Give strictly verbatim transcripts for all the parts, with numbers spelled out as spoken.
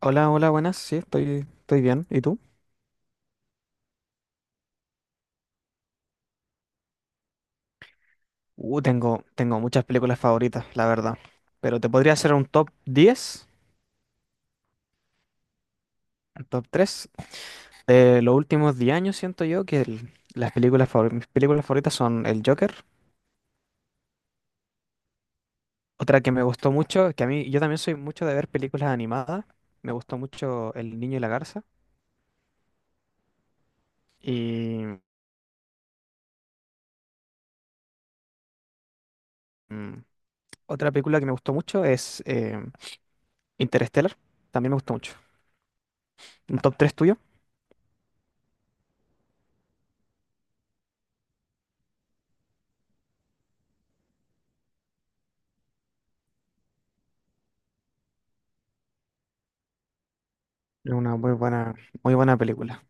Hola, hola, buenas. Sí, estoy, estoy bien. ¿Y tú? Uh, tengo, tengo muchas películas favoritas, la verdad. Pero te podría hacer un top diez, un top tres de los últimos diez años, siento yo, que el- las películas favor- mis películas favoritas son El Joker. Otra que me gustó mucho, que a mí yo también soy mucho de ver películas animadas. Me gustó mucho El Niño y la Garza. Y mm, otra película que me gustó mucho es eh, Interstellar. También me gustó mucho. Un top tres tuyo. Es una muy buena, muy buena película.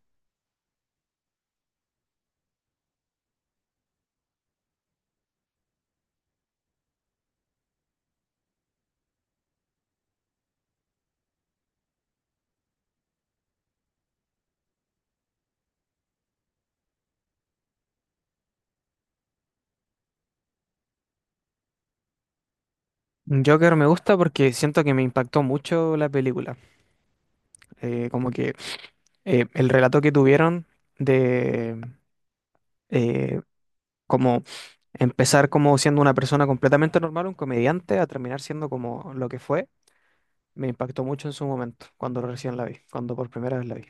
Joker me gusta porque siento que me impactó mucho la película. Eh, como que eh, el relato que tuvieron de eh, como empezar como siendo una persona completamente normal, un comediante, a terminar siendo como lo que fue, me impactó mucho en su momento, cuando recién la vi, cuando por primera vez la vi.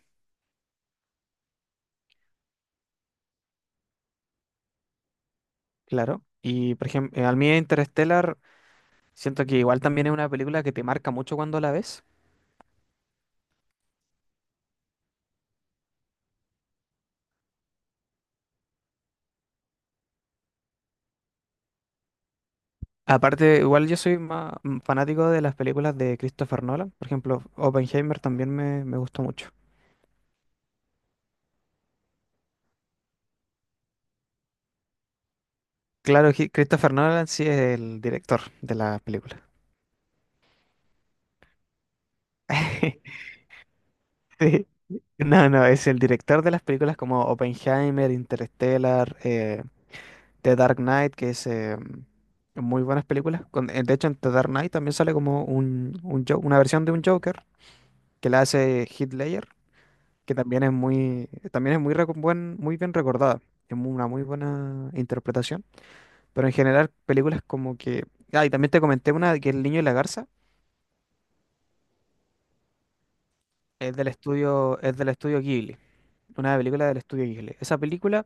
Claro. Y por ejemplo, al mí Interstellar, siento que igual también es una película que te marca mucho cuando la ves. Aparte, igual yo soy más mm, fanático de las películas de Christopher Nolan. Por ejemplo, Oppenheimer también me, me gustó mucho. Claro, Hi- Christopher Nolan sí es el director de las películas. Sí. No, no, es el director de las películas como Oppenheimer, Interstellar, eh, The Dark Knight, que es eh, muy buenas películas. Con- eh, de hecho, en The Dark Knight también sale como un, un Jo- una versión de un Joker que la hace Heath Ledger. Que también es muy, también es muy, reco- buen- muy bien recordada. Es mu- una muy buena interpretación. Pero en general, películas como que. Ah, y también te comenté una de que El Niño y la Garza es del estudio, es del estudio Ghibli. Una película del estudio Ghibli. Esa película,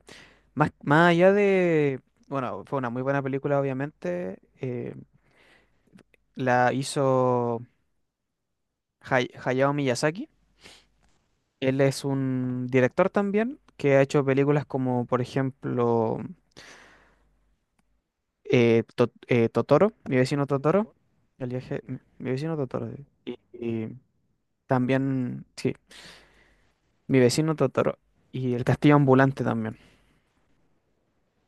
más, más allá de. Bueno, fue una muy buena película, obviamente. eh, la hizo Hay- Hayao Miyazaki. Él es un director también que ha hecho películas como, por ejemplo. eh, To- eh, Totoro, mi vecino Totoro, el viaje, mi mi vecino Totoro, sí. Y, y también, sí, mi vecino Totoro y el castillo ambulante también.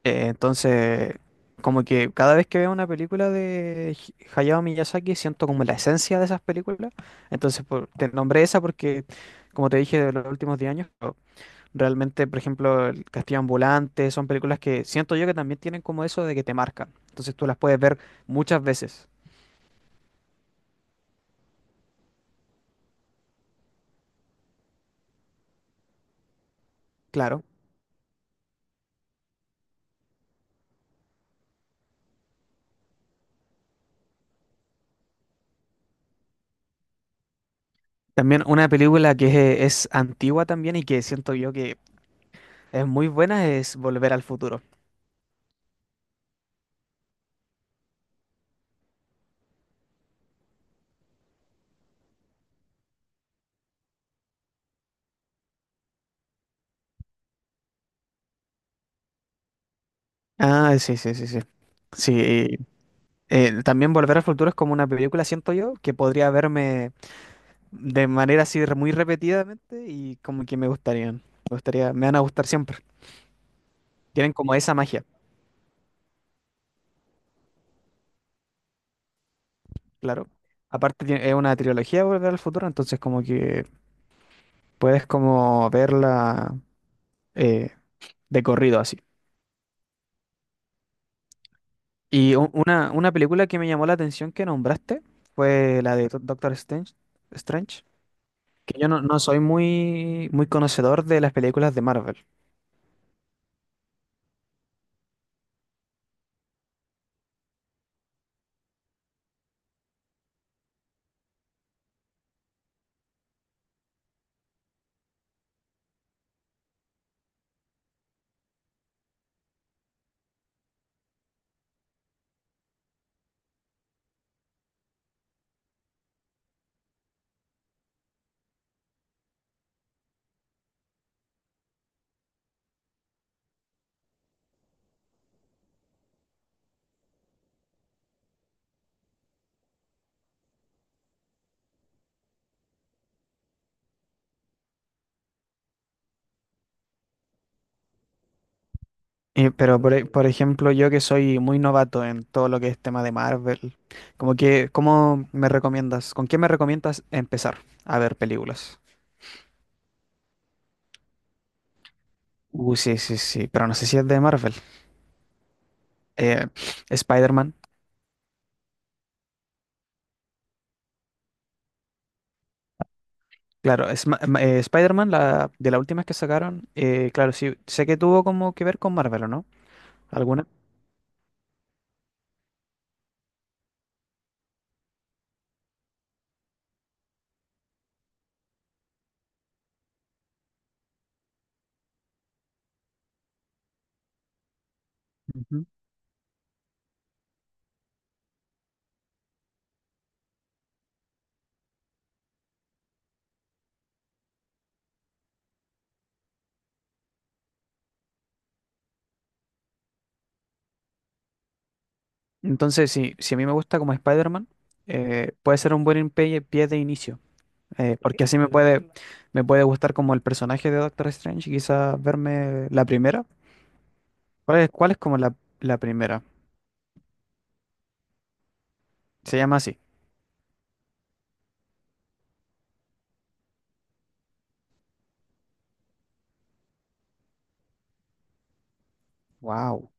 Eh, entonces, como que cada vez que veo una película de Hi- Hayao Miyazaki siento como la esencia de esas películas. Entonces, por- te nombré esa porque, como te dije, de los últimos diez años, pero realmente, por ejemplo, el castillo ambulante son películas que siento yo que también tienen como eso de que te marcan. Entonces tú las puedes ver muchas veces. Claro. También una película que es, eh, es antigua también y que siento yo que es muy buena es Volver al Futuro. Ah, sí, sí, sí, sí. Sí, eh, también Volver al Futuro es como una película, siento yo, que podría verme de manera así re- muy repetidamente y como que me gustarían. Me gustaría, me van a gustar siempre. Tienen como esa magia, claro. Aparte tie- es una trilogía de Volver al Futuro, entonces como que puedes como verla eh, de corrido así. Y u- una, una película que me llamó la atención que nombraste fue la de Do- Doctor Strange, Strange, que yo no, no soy muy, muy conocedor de las películas de Marvel. Eh, pero, por, e- por ejemplo, yo que soy muy novato en todo lo que es tema de Marvel, como que, ¿cómo me recomiendas? ¿Con qué me recomiendas empezar a ver películas? Uh, sí, sí, sí, pero no sé si es de Marvel. Eh, Spider-Man, claro, es, ma- ma- eh, Spider-Man, la, de las últimas que sacaron, eh, claro, sí, sé que tuvo como que ver con Marvel, ¿o no? ¿Alguna? Ujú. Entonces, si, si a mí me gusta como Spider-Man, eh, puede ser un buen pie, pie de inicio, eh, porque así me puede, me puede gustar como el personaje de Doctor Strange y quizás verme la primera. ¿Cuál es, cuál es como la, la primera? Se llama así. Wow.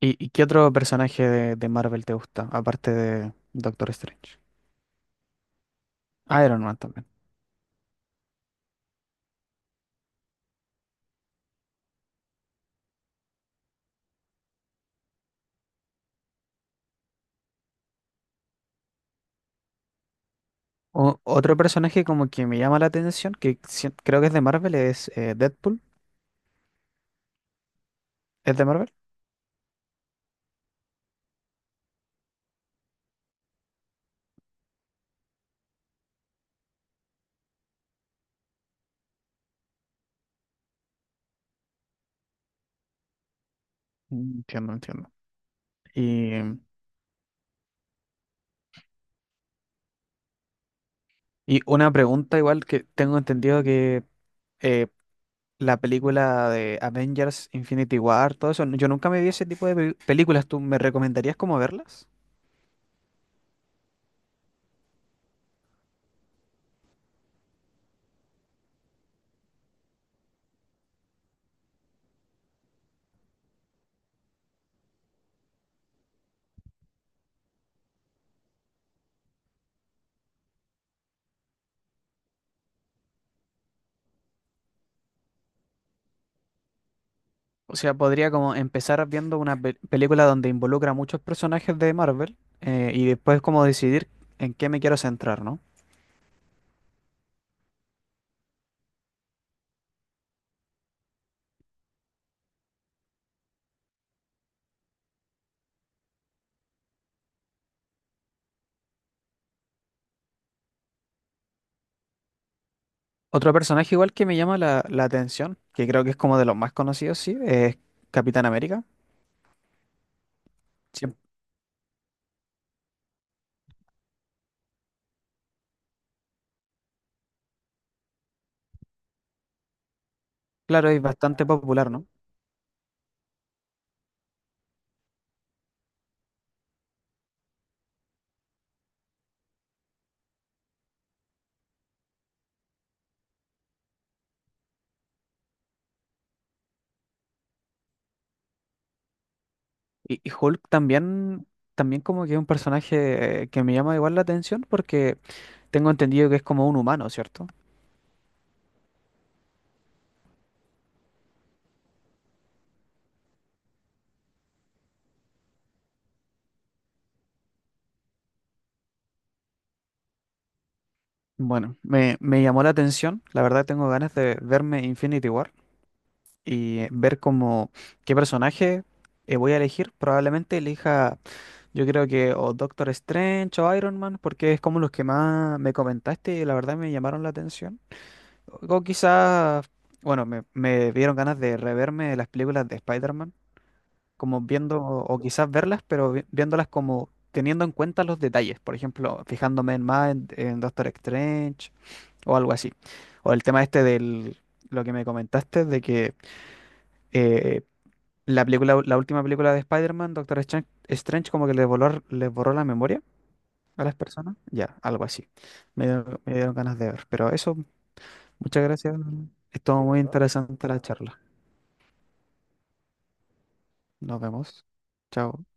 ¿Y, y qué otro personaje de, de Marvel te gusta, aparte de Doctor Strange? Iron Man también. O- otro personaje como que me llama la atención, que si- creo que es de Marvel, es eh, Deadpool. ¿Es de Marvel? Mm, entiendo, entiendo. Y Y una pregunta igual que tengo entendido que eh, la película de Avengers, Infinity War, todo eso, yo nunca me vi ese tipo de pe- películas. ¿Tú me recomendarías cómo verlas? O sea, podría como empezar viendo una pe- película donde involucra a muchos personajes de Marvel eh, y después como decidir en qué me quiero centrar, ¿no? Otro personaje igual que me llama la, la atención, que creo que es como de los más conocidos, sí, es Capitán América. Siem- Claro, es bastante popular, ¿no? Y, y Hulk también, también como que es un personaje eh, que me llama igual la atención porque tengo entendido que es como un humano, ¿cierto? Bueno, me, me llamó la atención, la verdad tengo ganas de verme Infinity War y eh, ver como qué personaje eh, voy a elegir. Probablemente elija, yo creo que o Doctor Strange o Iron Man porque es como los que más me comentaste y la verdad me llamaron la atención. O quizás, bueno, me, me dieron ganas de reverme las películas de Spider-Man como viendo, o quizás verlas, pero vi- viéndolas como teniendo en cuenta los detalles, por ejemplo, fijándome en más en, en Doctor Strange o algo así. O el tema este del, lo que me comentaste, de que eh, la película, la última película de Spider-Man, Doctor Strange, Strange como que les borró, les borró la memoria a las personas, ya, algo así. Me, dio- me dieron ganas de ver, pero eso, muchas gracias. Estuvo muy interesante la charla. Nos vemos. Chao.